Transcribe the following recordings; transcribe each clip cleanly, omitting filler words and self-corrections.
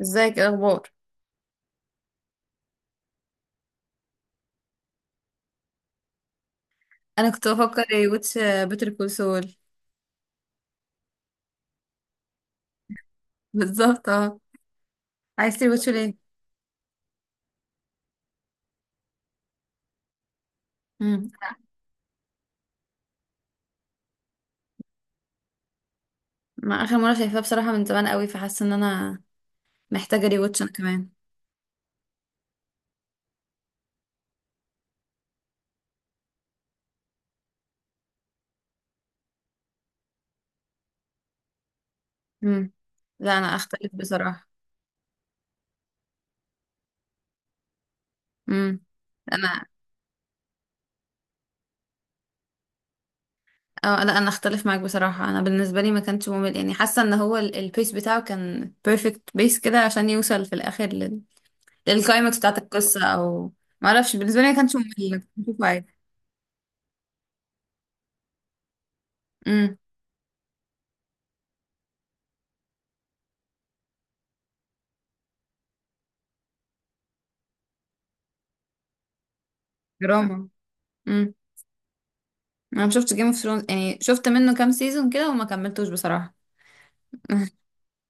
ازيك؟ ايه الاخبار؟ انا كنت بفكر ايه واتش، بيتر كول سول. بالظبط، اه. عايز تري واتش ليه؟ امم. ما اخر مره شايفاه بصراحه، من زمان قوي، فحاسه ان انا محتاجه ري واتش انا كمان. امم. لا انا اختلف بصراحه. امم. انا اه لا انا اختلف معاك بصراحه. انا بالنسبه لي ما كانش ممل يعني، حاسه ان هو البيس بتاعه كان بيرفكت بيس كده عشان يوصل في الاخر للكلايمكس بتاعه القصه، او ما اعرفش، بالنسبه لي ما كانش ممل، كنت بشوفه عادي. امم. دراما. انا ما شفتش جيم اوف ثرونز، يعني شفت منه كام سيزون كده وما كملتوش بصراحة.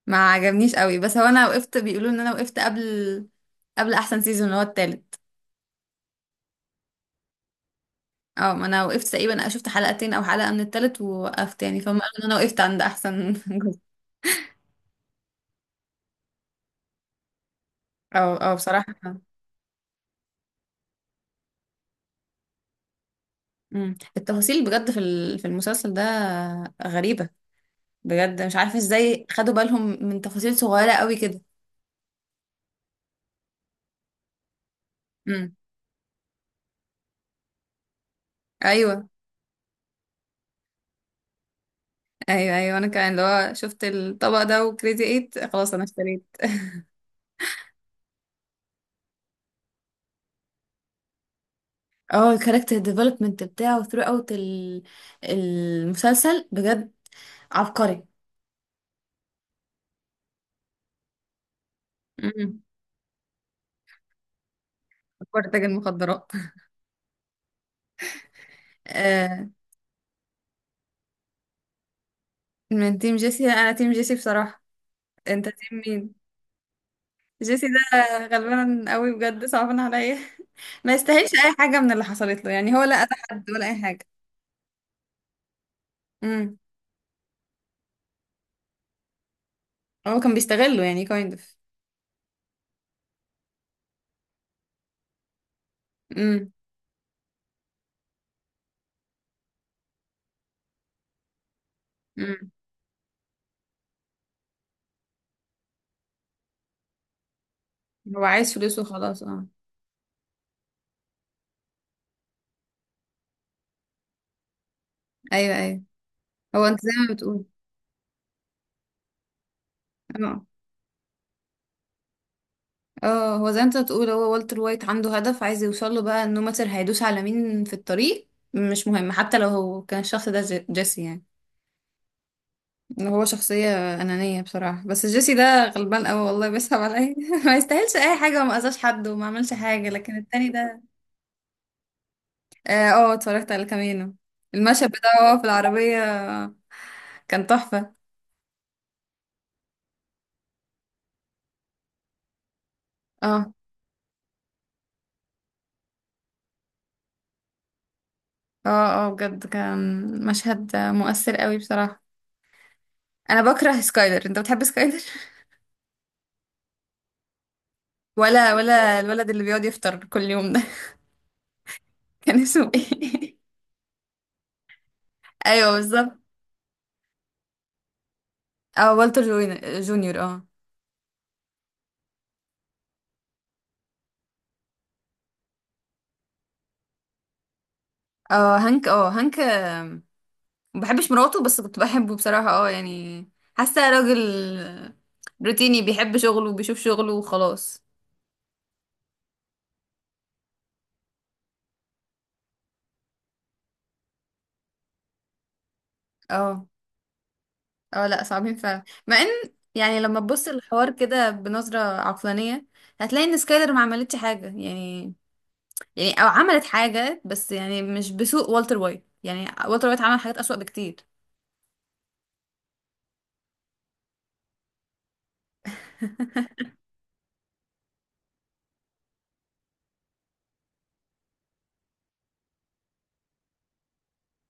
ما عجبنيش قوي، بس هو انا وقفت، بيقولوا ان انا وقفت قبل احسن سيزون اللي هو التالت. اه، ما انا وقفت تقريبا شفت حلقتين او حلقة من التالت ووقفت يعني، فهم قالوا ان انا وقفت عند احسن جزء. اه اه، بصراحة. مم. التفاصيل بجد في المسلسل ده غريبة. بجد مش عارفة ازاي خدوا بالهم من تفاصيل صغيرة قوي كده. امم. ايوه ايوه. ايوه انا كمان، اللي هو شفت الطبق ده وكريزي ايت، خلاص انا اشتريت. اه، الكاركتر ديفلوبمنت بتاعه ثرو اوت المسلسل بجد عبقري. امم. أفكار تاج المخدرات. آه. من تيم جيسي، لا، انا تيم جيسي بصراحة. انت تيم مين؟ جيسي ده غلبان قوي بجد، صعبان عليا. ما يستاهلش اي حاجة من اللي حصلت له، يعني هو لا قتل حد ولا اي حاجة. امم. هو كان بيستغله يعني، كايند اوف. امم. امم. هو عايز فلوسه خلاص، اه. ايوه ايوه، هو انت زي ما بتقول. اه. اه، هو زي انت بتقول، هو والتر وايت عنده هدف عايز يوصل له، بقى انه ماتر هيدوس على مين في الطريق مش مهم، حتى لو هو كان الشخص ده جيسي يعني. هو شخصية أنانية بصراحة، بس جيسي ده غلبان قوي والله، بيسحب عليا. ما يستاهلش أي حاجة، وما أذاش حد وما عملش حاجة، لكن التاني ده. اه، آه، اتفرجت على كامينو. المشهد بتاعه وهو في العربية كان تحفة. اه اه اه، بجد كان مشهد مؤثر قوي بصراحة. أنا بكره سكايلر، أنت بتحب سكايلر؟ ولا ولا الولد اللي بيقعد يفطر كل يوم ده. كان اسمه ايه؟ ايوه بالظبط. اه، والتر جونيور، اه. اه هانك، اه هانك، آه. ما بحبش مراته بس كنت بحبه بصراحة، اه يعني. حاسه راجل روتيني، بيحب شغله وبيشوف شغله وخلاص. اه. اه لا، صعبين فعلا، مع ان يعني لما تبص الحوار كده بنظرة عقلانية، هتلاقي ان سكايلر ما عملتش حاجة يعني. يعني او عملت حاجة، بس يعني مش بسوء والتر وايت، يعني والتر وايت عمل حاجات أسوأ بكتير.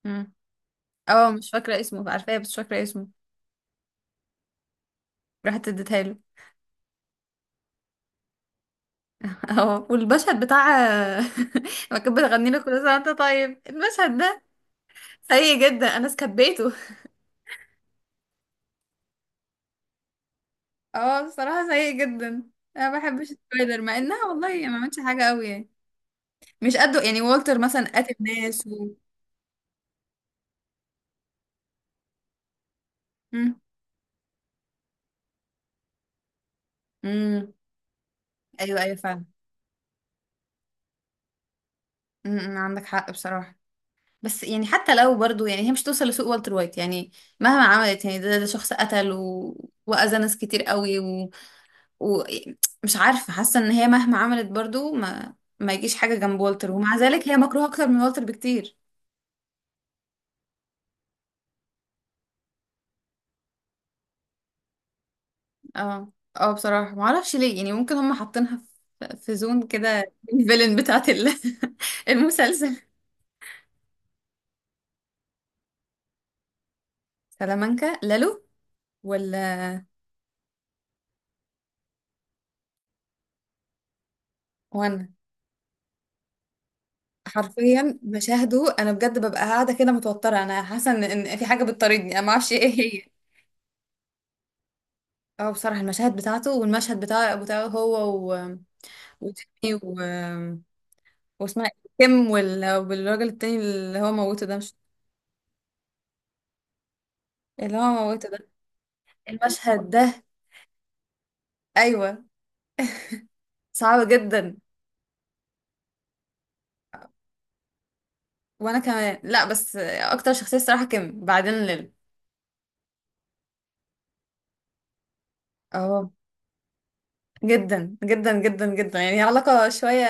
مم. اه مش فاكرة اسمه، عارفاه بس مش فاكرة اسمه. راحت اديتها له. اه والمشهد بتاع. لما كانت بتغني له كل سنة وانت طيب، المشهد ده سيء جدا، انا سكبيته. اه بصراحة سيء جدا. انا ما بحبش التريلر، مع انها والله ما عملتش حاجة قوي يعني. مش قده يعني، والتر مثلا قاتل ناس و... مم. مم. ايوه ايوه فعلا. مم. مم. عندك حق بصراحة. بس يعني حتى لو برضو، يعني هي مش توصل لسوق والتر وايت يعني. مهما عملت يعني، ده شخص قتل و... وأذى ناس كتير قوي. ومش عارفة، حاسة ان هي مهما عملت برضو ما يجيش حاجة جنب والتر، ومع ذلك هي مكروهة اكتر من والتر بكتير. اه، اه بصراحة ما اعرفش ليه، يعني ممكن هم حاطينها في زون كده، الفيلن بتاعت ال-. المسلسل. سلامانكا، لالو ولا؟ وانا حرفيا مشاهده انا بجد، ببقى قاعدة كده متوترة، انا حاسة ان في حاجة بتطاردني، انا ما اعرفش ايه هي. اه بصراحة، المشاهد بتاعته والمشهد بتاعه هو و... وتيمي و... واسمها كيم والراجل التاني اللي هو موته ده، مش اللي هو موته ده. المشهد ده. ايوه. صعب جدا. وانا كمان لا، بس اكتر شخصيه الصراحه كيم بعدين ليل. اه، جدا جدا جدا جدا يعني، علاقه شويه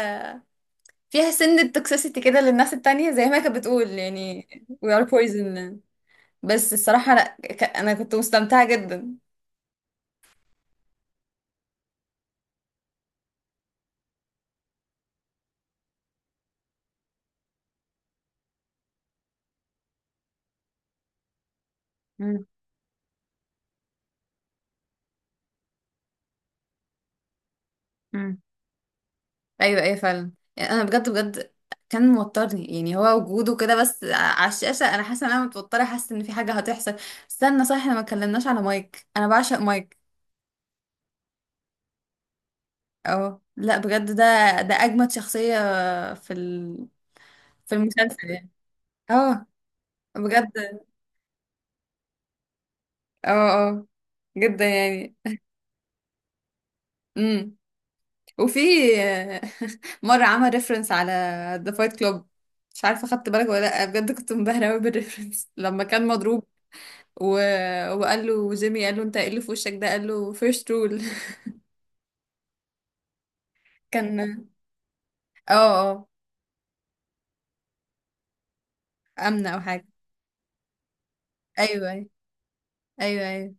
فيها سن توكسيسيتي كده للناس التانية، زي ما هي كانت بتقول يعني. we are poison. بس الصراحه لا، انا كنت مستمتعه جدا. مم. مم. ايوه ايوه فعلا، يعني انا بجد بجد كان موترني يعني، هو وجوده كده بس على الشاشه، انا حاسه ان انا متوتره، حاسه ان في حاجه هتحصل. استنى صح، احنا ما اتكلمناش على مايك، انا بعشق مايك. اه لا بجد، ده اجمد شخصيه في ال... في المسلسل يعني. اه بجد. اه اه، جدا يعني. امم. وفي مره عمل ريفرنس على ذا فايت كلوب. مش عارفه خدت بالك ولا لا، بجد كنت منبهره قوي بالريفرنس لما كان مضروب، و... وقال له جيمي، قال له انت ايه اللي في وشك ده، قال له فيرست رول. كان. اه اه، امنه او حاجه. ايوه ايوه ايوه ايوه.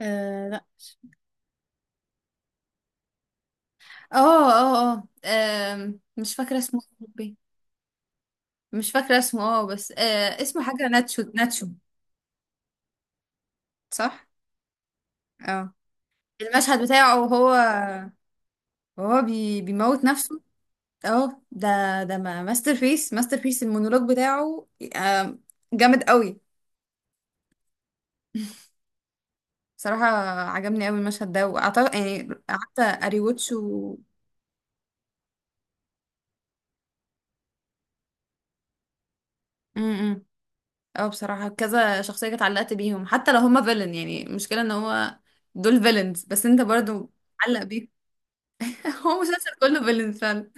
آه لا. اه اه اه، مش فاكره اسمه يا ربي. مش فاكره اسمه، اه بس آه اسمه حاجه، ناتشو ناتشو. صح. اه. المشهد بتاعه وهو بيموت نفسه. اه ده ما ماستر بيس، ماستر بيس المونولوج بتاعه. آم، جامد قوي صراحة. عجبني قوي المشهد ده، واعتقد يعني قعدت اريوتش و... امم. إمم. اه بصراحة كذا شخصية كانت علقت بيهم، حتى لو هما فيلن، يعني المشكلة ان هو دول فيلنز بس انت برضو علق بيهم. هو مسلسل كله فيلنز فعلا،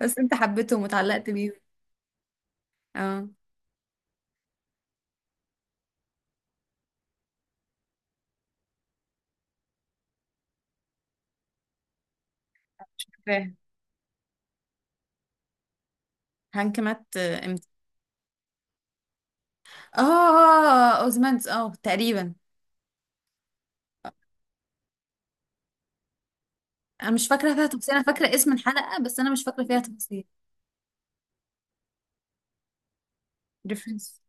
بس انت حبيتهم واتعلقت بيهم. اه. مش فاكراه. هانك مات امتى؟ اه اه، اوزمانس اه تقريبا. انا مش فاكرة فيها تفاصيل، انا فاكرة اسم الحلقة بس انا مش فاكرة فيها تفاصيل. ريفرنس.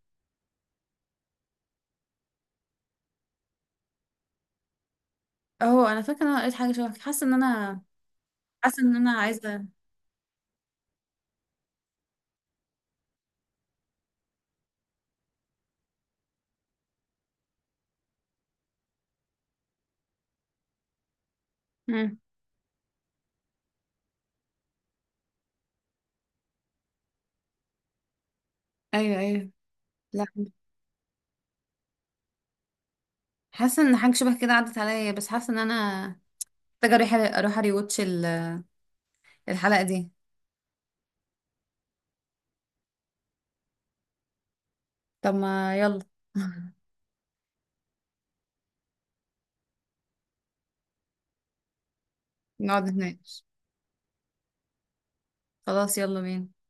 اه انا فاكرة ان انا قريت حاجة شبه كده. حاسة ان انا حاسة ان انا عايزة. ايوه ايوه. لا، حاسه ان حاجه شبه كده عدت عليا، بس حاسه ان انا محتاجه اروح اري واتش الحلقه دي. طب ما يلا. نقعد نتناقش. خلاص يلا بينا.